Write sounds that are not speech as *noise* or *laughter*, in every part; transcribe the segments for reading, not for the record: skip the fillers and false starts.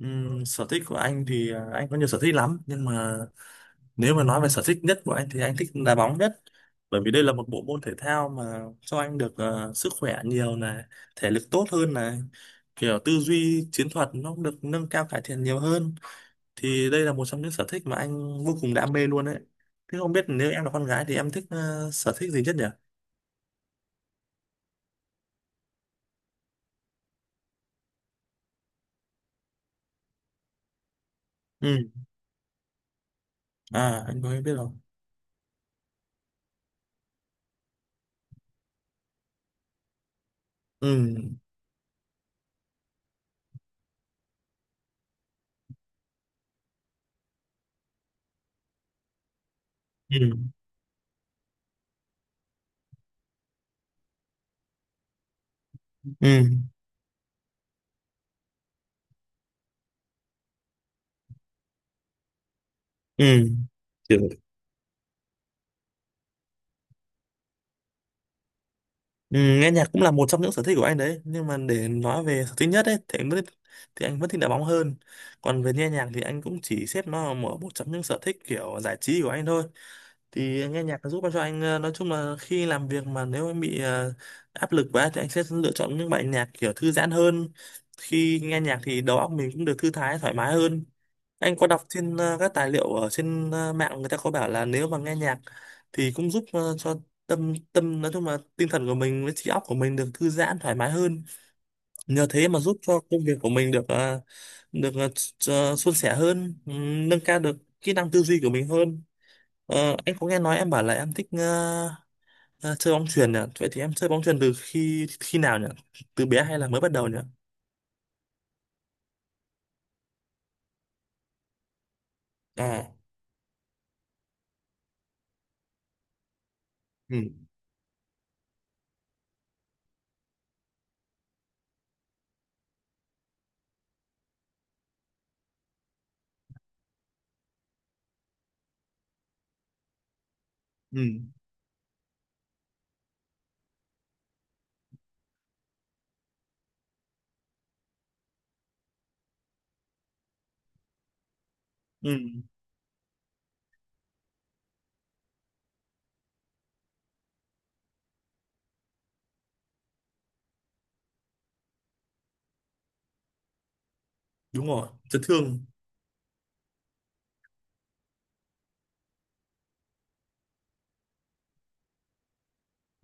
Sở thích của anh thì anh có nhiều sở thích lắm, nhưng mà nếu mà nói về sở thích nhất của anh thì anh thích đá bóng nhất, bởi vì đây là một bộ môn thể thao mà cho anh được sức khỏe nhiều này, thể lực tốt hơn này, kiểu tư duy chiến thuật nó cũng được nâng cao cải thiện nhiều hơn. Thì đây là một trong những sở thích mà anh vô cùng đam mê luôn đấy. Thế không biết nếu em là con gái thì em thích sở thích gì nhất nhỉ? Ừ. À, anh có biết không? Ừ. Ừ. Ừ. Ừ. Ừ, nghe nhạc cũng là một trong những sở thích của anh đấy, nhưng mà để nói về sở thích nhất ấy thì anh vẫn, thì anh vẫn thích đá bóng hơn. Còn về nghe nhạc thì anh cũng chỉ xếp nó là một trong những sở thích kiểu giải trí của anh thôi. Thì nghe nhạc nó giúp cho anh, nói chung là khi làm việc mà nếu em bị áp lực quá thì anh sẽ lựa chọn những bài nhạc kiểu thư giãn hơn. Khi nghe nhạc thì đầu óc mình cũng được thư thái thoải mái hơn. Anh có đọc trên các tài liệu ở trên mạng, người ta có bảo là nếu mà nghe nhạc thì cũng giúp cho tâm tâm, nói chung là tinh thần của mình với trí óc của mình được thư giãn thoải mái hơn, nhờ thế mà giúp cho công việc của mình được được suôn sẻ hơn, nâng cao được kỹ năng tư duy của mình hơn. Em có nghe nói em bảo là em thích ờ, chơi bóng chuyền nhỉ? Vậy thì em chơi bóng chuyền từ khi khi nào nhỉ? Từ bé hay là mới bắt đầu nhỉ? À. Ừ. Ừ. Ừ, đúng rồi, chấn thương.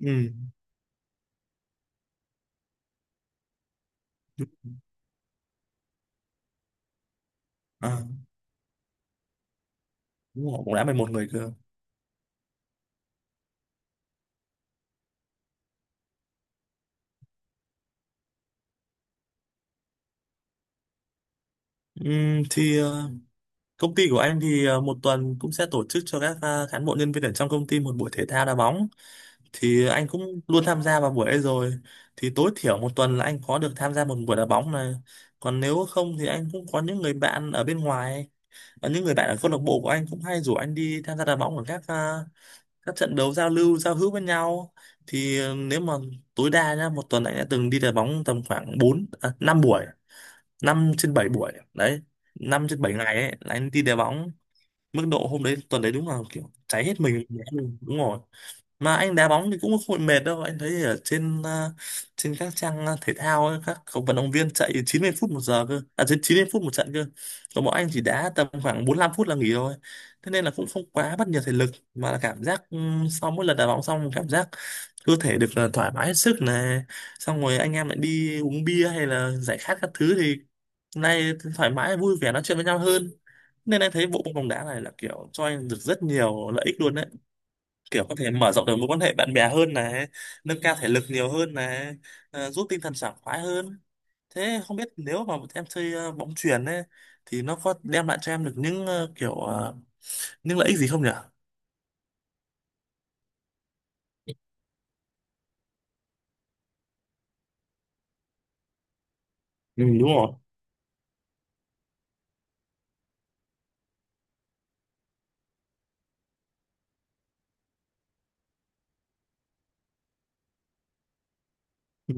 Ừ. À, đúng rồi, cũng đã 11 người cơ. Thì công ty của anh thì một tuần cũng sẽ tổ chức cho các cán bộ nhân viên ở trong công ty một buổi thể thao đá bóng. Thì anh cũng luôn tham gia vào buổi ấy rồi. Thì tối thiểu một tuần là anh có được tham gia một buổi đá bóng này, còn nếu không thì anh cũng có những người bạn ở bên ngoài và những người bạn ở câu lạc bộ của anh cũng hay rủ anh đi tham gia đá bóng ở các các trận đấu giao lưu giao hữu với nhau. Thì nếu mà tối đa nhá, một tuần anh đã từng đi đá bóng tầm khoảng 5 buổi, 5 trên 7 buổi đấy, năm trên 7 ngày ấy là anh đi đá bóng. Mức độ hôm đấy tuần đấy đúng là kiểu cháy hết mình luôn, đúng rồi. Mà anh đá bóng thì cũng không bị mệt đâu. Anh thấy ở trên trên các trang thể thao ấy, các cầu vận động viên chạy 90 phút một giờ cơ, à trên 90 phút một trận cơ, còn bọn anh chỉ đá tầm khoảng 45 phút là nghỉ rồi, thế nên là cũng không quá mất nhiều thể lực, mà là cảm giác sau mỗi lần đá bóng xong cảm giác cơ thể được là thoải mái hết sức này. Xong rồi anh em lại đi uống bia hay là giải khát các thứ thì nay thoải mái vui vẻ nói chuyện với nhau hơn. Nên anh thấy bộ môn bóng đá này là kiểu cho anh được rất nhiều lợi ích luôn đấy, kiểu có thể mở rộng được mối quan hệ bạn bè hơn này, nâng cao thể lực nhiều hơn này, giúp tinh thần sảng khoái hơn. Thế không biết nếu mà em chơi bóng chuyền ấy, thì nó có đem lại cho em được những những lợi ích gì không nhỉ? Ừ, đúng rồi. Ừ.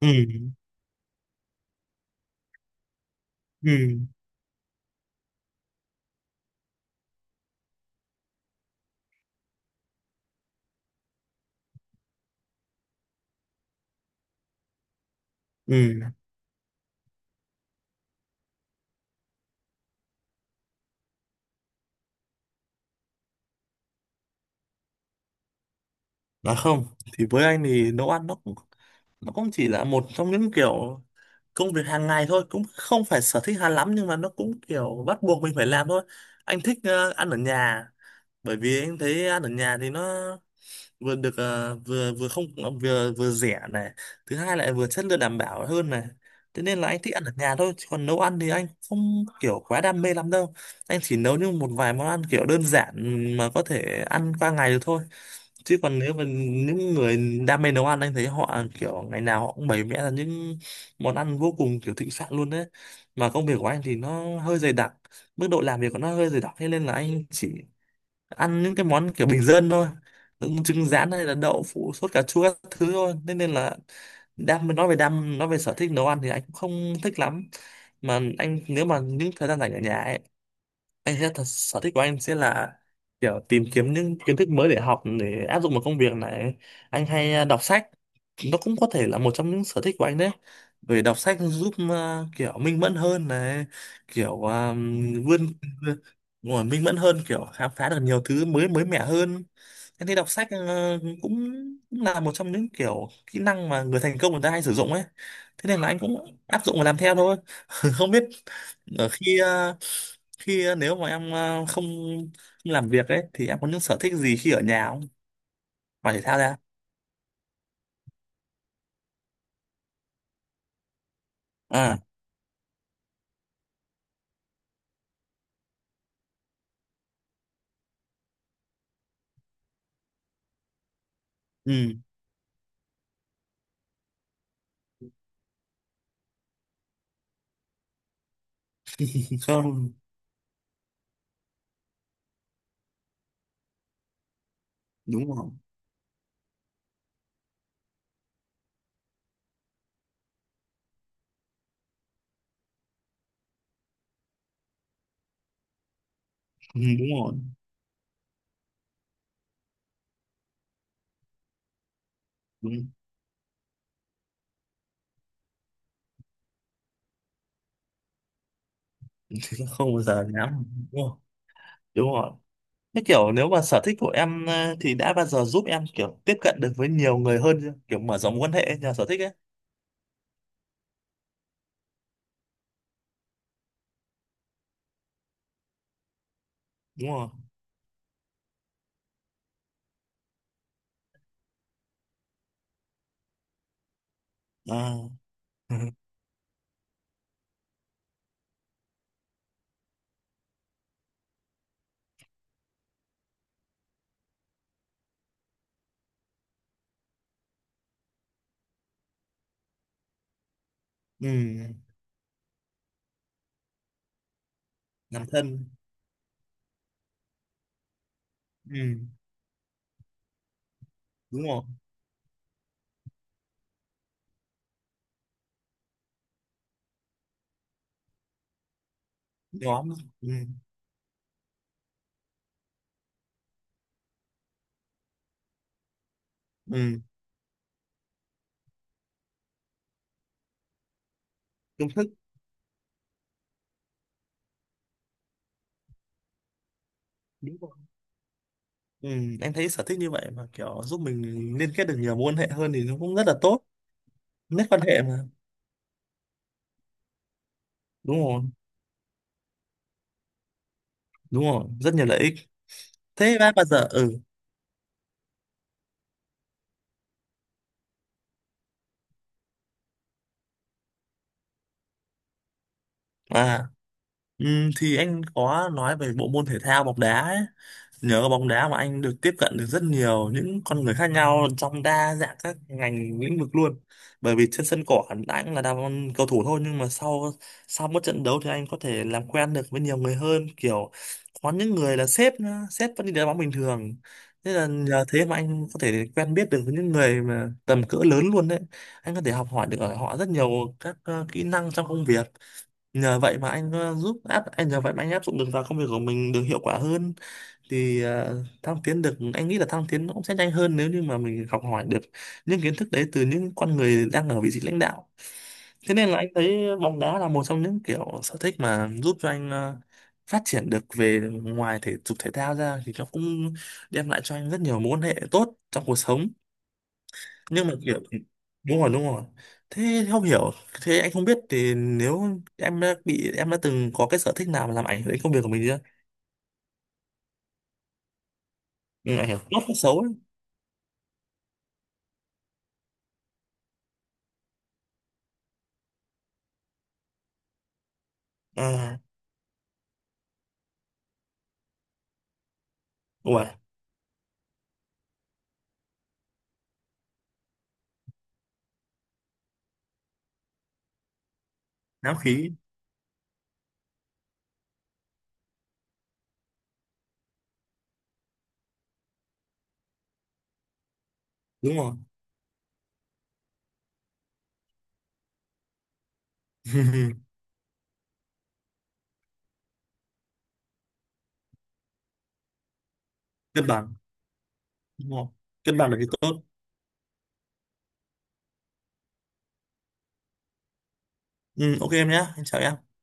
Ừ. Ừ. Ừ. Nói không, thì với anh thì nấu ăn nó cũng, nó cũng chỉ là một trong những kiểu công việc hàng ngày thôi, cũng không phải sở thích hay lắm, nhưng mà nó cũng kiểu bắt buộc mình phải làm thôi. Anh thích ăn ở nhà, bởi vì em thấy ăn ở nhà thì nó vừa được ờ, vừa vừa không, vừa vừa rẻ này, thứ hai lại vừa chất lượng đảm bảo hơn này, thế nên là anh thích ăn ở nhà thôi. Chứ còn nấu ăn thì anh không kiểu quá đam mê lắm đâu, anh chỉ nấu như một vài món ăn kiểu đơn giản mà có thể ăn qua ngày được thôi. Chứ còn nếu mà những người đam mê nấu ăn, anh thấy họ kiểu ngày nào họ cũng bày vẽ ra những món ăn vô cùng kiểu thịnh soạn luôn đấy. Mà công việc của anh thì nó hơi dày đặc, mức độ làm việc của nó hơi dày đặc, thế nên là anh chỉ ăn những cái món kiểu bình dân thôi, những trứng rán hay là đậu phụ sốt cà chua các thứ thôi. Thế nên là đam nói về sở thích nấu ăn thì anh cũng không thích lắm. Mà anh, nếu mà những thời gian rảnh ở nhà ấy, anh sẽ thật, sở thích của anh sẽ là kiểu tìm kiếm những kiến thức mới để học, để áp dụng vào công việc này. Anh hay đọc sách. Nó cũng có thể là một trong những sở thích của anh đấy. Bởi đọc sách giúp kiểu minh mẫn hơn này, kiểu vươn ngồi minh mẫn hơn, kiểu khám phá được nhiều thứ mới mới mẻ hơn. Anh thấy đọc sách cũng, cũng là một trong những kiểu kỹ năng mà người thành công người ta hay sử dụng ấy. Thế nên là anh cũng áp dụng và làm theo thôi. *laughs* Không biết ở khi à, khi ờ, nếu mà em không làm việc ấy thì em có những sở thích gì khi ở nhà không, ngoài thể thao ra? À. Ừ. *laughs* Không. Đúng rồi. Ừ, đúng rồi. Đúng. Thì không bao giờ dám. Đúng rồi. Đúng rồi. Thế kiểu nếu mà sở thích của em thì đã bao giờ giúp em kiểu tiếp cận được với nhiều người hơn chưa, kiểu mở rộng quan hệ nhờ sở thích ấy? Đúng rồi. À. *laughs* Ừ. Làm thân. Ừ. Đúng rồi. Nhóm. Ừ. Ừ. Công thức. Đúng rồi. Ừ, em thấy sở thích như vậy mà kiểu giúp mình liên kết được nhiều mối quan hệ hơn thì nó cũng rất là tốt. Nét quan hệ mà. Đúng rồi. Đúng rồi, rất nhiều lợi ích. Thế bác bao giờ. Ừ. À. Ừ, thì anh có nói về bộ môn thể thao bóng đá ấy, nhờ bóng đá mà anh được tiếp cận được rất nhiều những con người khác nhau trong đa dạng các ngành lĩnh vực luôn. Bởi vì trên sân cỏ anh cũng là đam, cầu thủ thôi, nhưng mà sau, sau mỗi trận đấu thì anh có thể làm quen được với nhiều người hơn, kiểu có những người là sếp nữa, sếp vẫn đi đá bóng bình thường. Thế là nhờ thế mà anh có thể quen biết được với những người mà tầm cỡ lớn luôn đấy. Anh có thể học hỏi được ở họ rất nhiều các kỹ năng trong công việc. Nhờ vậy mà anh áp dụng được vào công việc của mình được hiệu quả hơn. Thì ờ, thăng tiến được anh nghĩ là thăng tiến nó cũng sẽ nhanh hơn nếu như mà mình học hỏi được những kiến thức đấy từ những con người đang ở vị trí lãnh đạo. Thế nên là anh thấy bóng đá là một trong những kiểu sở thích mà giúp cho anh phát triển được, về ngoài thể dục thể thao ra thì nó cũng đem lại cho anh rất nhiều mối quan hệ tốt trong cuộc sống. Nhưng mà kiểu, đúng rồi, đúng rồi. Thế không hiểu, thế anh không biết thì nếu em đã bị, em đã từng có cái sở thích nào mà làm ảnh hưởng đến công việc của mình chưa? Ừ, Ảnh hưởng tốt hay xấu ấy? À. Ủa. Náo khí. Đúng rồi. *laughs* Cân bằng. Đúng rồi, cân bằng là cái tốt. Ừ, ok em nhé, em chào em.